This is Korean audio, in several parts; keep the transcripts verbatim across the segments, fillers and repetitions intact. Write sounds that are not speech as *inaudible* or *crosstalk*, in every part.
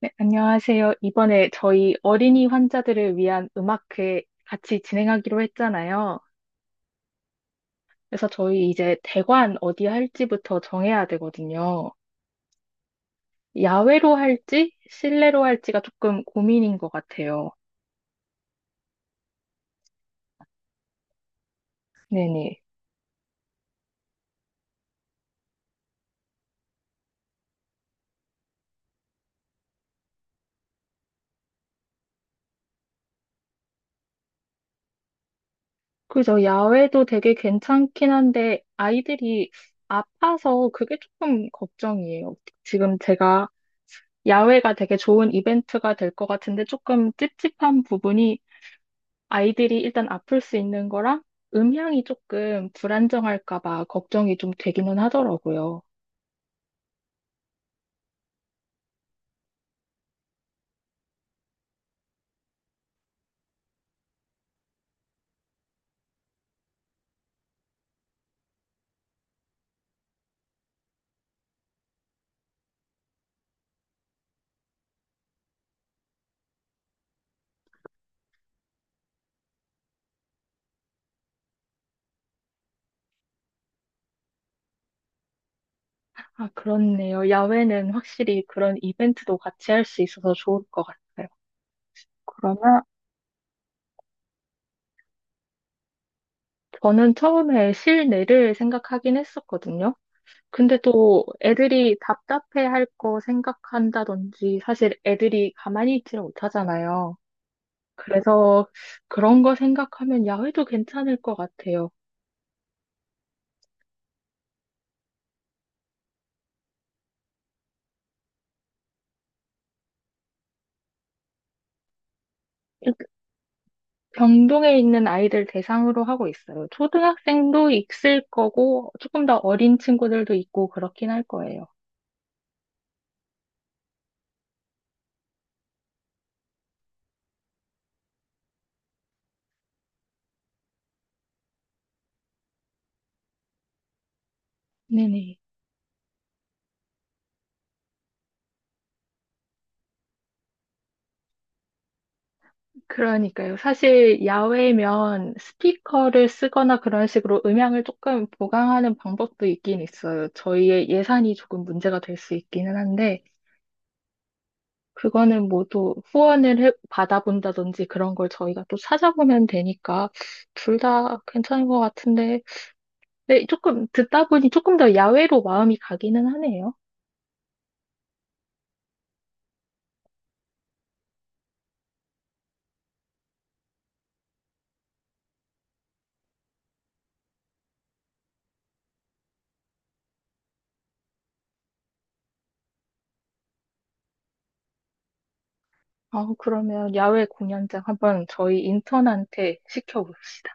네, 안녕하세요. 이번에 저희 어린이 환자들을 위한 음악회 같이 진행하기로 했잖아요. 그래서 저희 이제 대관 어디 할지부터 정해야 되거든요. 야외로 할지, 실내로 할지가 조금 고민인 것 같아요. 네네. 그래서 야외도 되게 괜찮긴 한데 아이들이 아파서 그게 조금 걱정이에요. 지금 제가 야외가 되게 좋은 이벤트가 될 것 같은데 조금 찝찝한 부분이 아이들이 일단 아플 수 있는 거랑 음향이 조금 불안정할까 봐 걱정이 좀 되기는 하더라고요. 아, 그렇네요. 야외는 확실히 그런 이벤트도 같이 할 수 있어서 좋을 것 같아요. 그러면 저는 처음에 실내를 생각하긴 했었거든요. 근데 또 애들이 답답해 할 거 생각한다든지 사실 애들이 가만히 있지를 못하잖아요. 그래서 그런 거 생각하면 야외도 괜찮을 것 같아요. 병동에 있는 아이들 대상으로 하고 있어요. 초등학생도 있을 거고, 조금 더 어린 친구들도 있고, 그렇긴 할 거예요. 네네. 그러니까요. 사실 야외면 스피커를 쓰거나 그런 식으로 음향을 조금 보강하는 방법도 있긴 있어요. 저희의 예산이 조금 문제가 될 수 있기는 한데, 그거는 모두 후원을 해- 받아본다든지 그런 걸 저희가 또 찾아보면 되니까, 둘 다 괜찮은 것 같은데, 네, 조금 듣다 보니 조금 더 야외로 마음이 가기는 하네요. 아, 그러면 야외 공연장 한번 저희 인턴한테 시켜봅시다.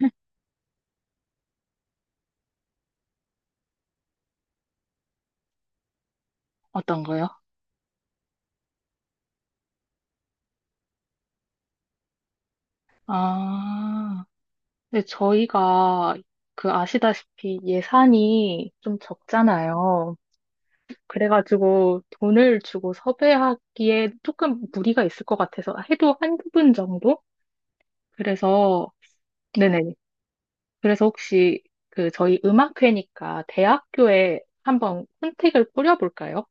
*laughs* 어떤 거요? 아, 근데 저희가 그 아시다시피 예산이 좀 적잖아요. 그래가지고 돈을 주고 섭외하기에 조금 무리가 있을 것 같아서 해도 한 두 분 정도? 그래서, 네네. 그래서 혹시 그 저희 음악회니까 대학교에 한번 혼택을 뿌려볼까요?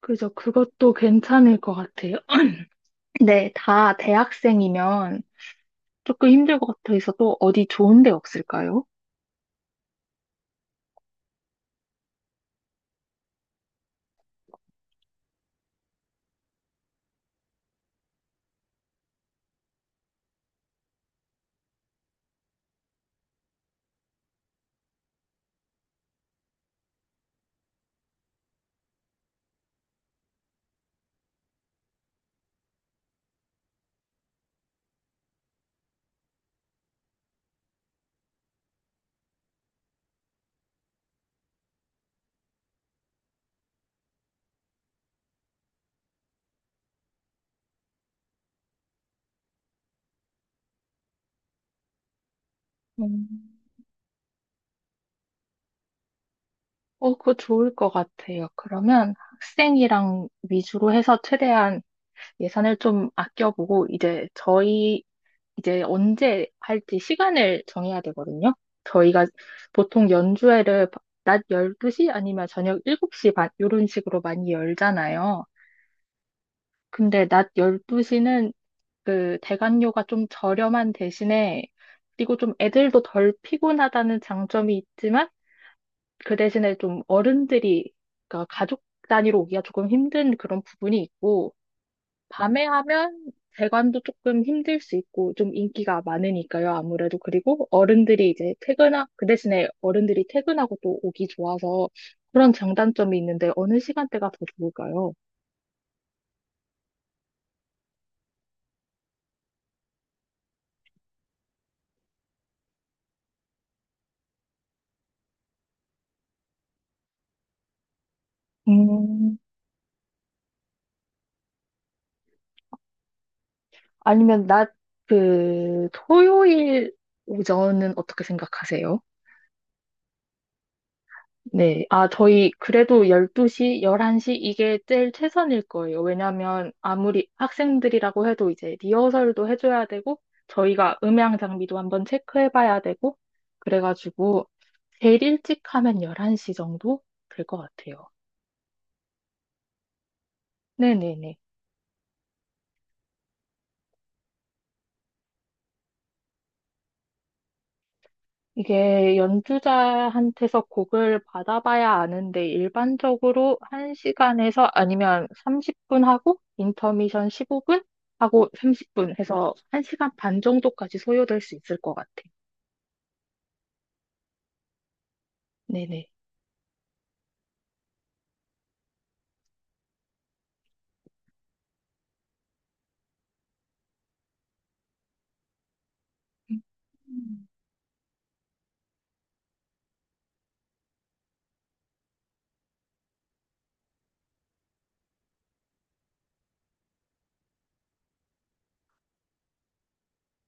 그죠. 그것도 괜찮을 것 같아요. *laughs* *clears throat* 네, 다 대학생이면 조금 힘들 것 같아서 또 어디 좋은 데 없을까요? 음. 어, 그거 좋을 것 같아요. 그러면 학생이랑 위주로 해서 최대한 예산을 좀 아껴보고, 이제 저희, 이제 언제 할지 시간을 정해야 되거든요. 저희가 보통 연주회를 낮 열두 시 아니면 저녁 일곱 시 반, 이런 식으로 많이 열잖아요. 근데 낮 열두 시는 그 대관료가 좀 저렴한 대신에, 그리고 좀 애들도 덜 피곤하다는 장점이 있지만, 그 대신에 좀 어른들이, 그러니까 가족 단위로 오기가 조금 힘든 그런 부분이 있고, 밤에 하면 대관도 조금 힘들 수 있고, 좀 인기가 많으니까요, 아무래도. 그리고 어른들이 이제 퇴근하, 그 대신에 어른들이 퇴근하고 또 오기 좋아서 그런 장단점이 있는데, 어느 시간대가 더 좋을까요? 음, 아니면 낮, 그, 토요일 오전은 어떻게 생각하세요? 네. 아, 저희 그래도 열두 시, 열한 시 이게 제일 최선일 거예요. 왜냐면 아무리 학생들이라고 해도 이제 리허설도 해줘야 되고, 저희가 음향 장비도 한번 체크해봐야 되고, 그래가지고 제일 일찍 하면 열한 시 정도 될 것 같아요. 네네네. 이게 연주자한테서 곡을 받아봐야 아는데 일반적으로 한 시간에서 아니면 삼십 분 하고 인터미션 십오 분 하고 삼십 분 해서 한 시간 반 정도까지 소요될 수 있을 것 같아. 네네. 음.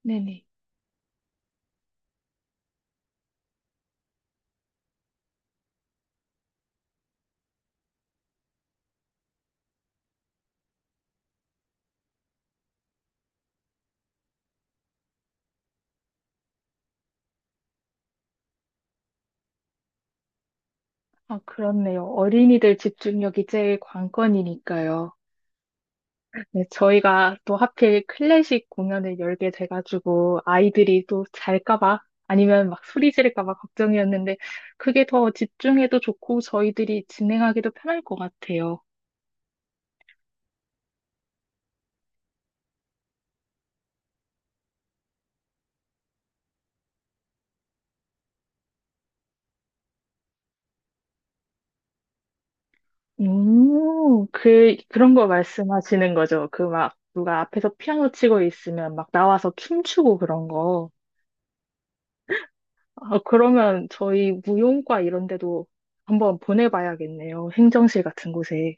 네네. 아, 그렇네요. 어린이들 집중력이 제일 관건이니까요. 네, 저희가 또 하필 클래식 공연을 열게 돼가지고 아이들이 또 잘까봐 아니면 막 소리 지를까봐 걱정이었는데 그게 더 집중해도 좋고 저희들이 진행하기도 편할 것 같아요. 음, 그, 그런 거 말씀하시는 거죠. 그 막 누가 앞에서 피아노 치고 있으면 막 나와서 춤추고 그런 거. 아, 그러면 저희 무용과 이런 데도 한번 보내봐야겠네요. 행정실 같은 곳에.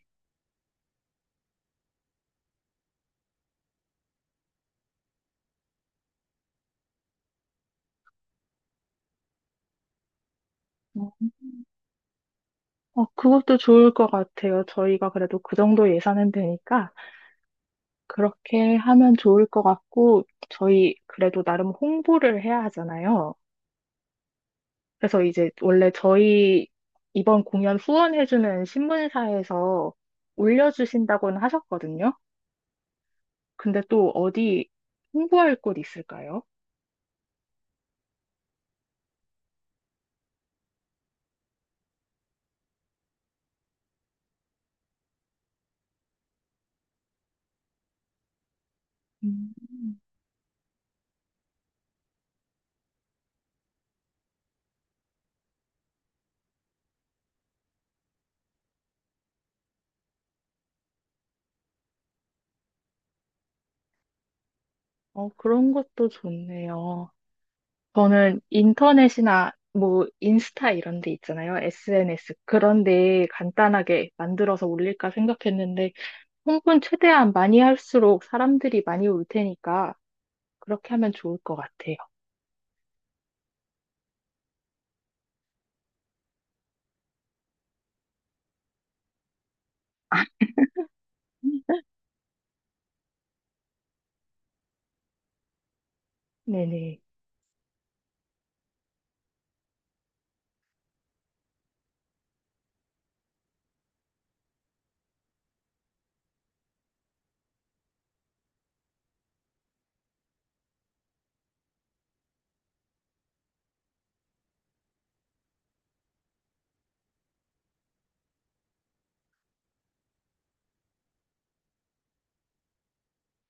어, 그것도 좋을 것 같아요. 저희가 그래도 그 정도 예산은 되니까 그렇게 하면 좋을 것 같고, 저희 그래도 나름 홍보를 해야 하잖아요. 그래서 이제 원래 저희 이번 공연 후원해주는 신문사에서 올려주신다고는 하셨거든요. 근데 또 어디 홍보할 곳 있을까요? 음, 어, 그런 것도 좋네요. 저는 인터넷이나 뭐 인스타 이런 데 있잖아요. 에스엔에스. 그런 데 간단하게 만들어서 올릴까 생각했는데 홍보는 최대한 많이 할수록 사람들이 많이 올 테니까 그렇게 하면 좋을 것 같아요. 음, 네네.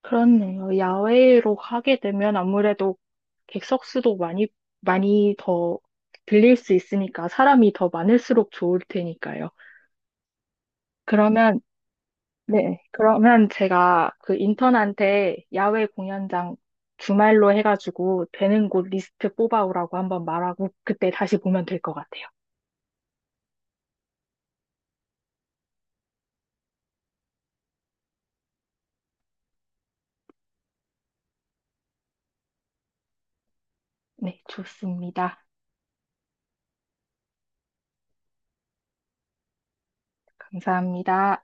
그렇네요. 야외로 하게 되면 아무래도 객석 수도 많이, 많이 더 빌릴 수 있으니까 사람이 더 많을수록 좋을 테니까요. 그러면 네, 그러면 제가 그 인턴한테 야외 공연장 주말로 해가지고 되는 곳 리스트 뽑아오라고 한번 말하고 그때 다시 보면 될 것 같아요. 네, 좋습니다. 감사합니다.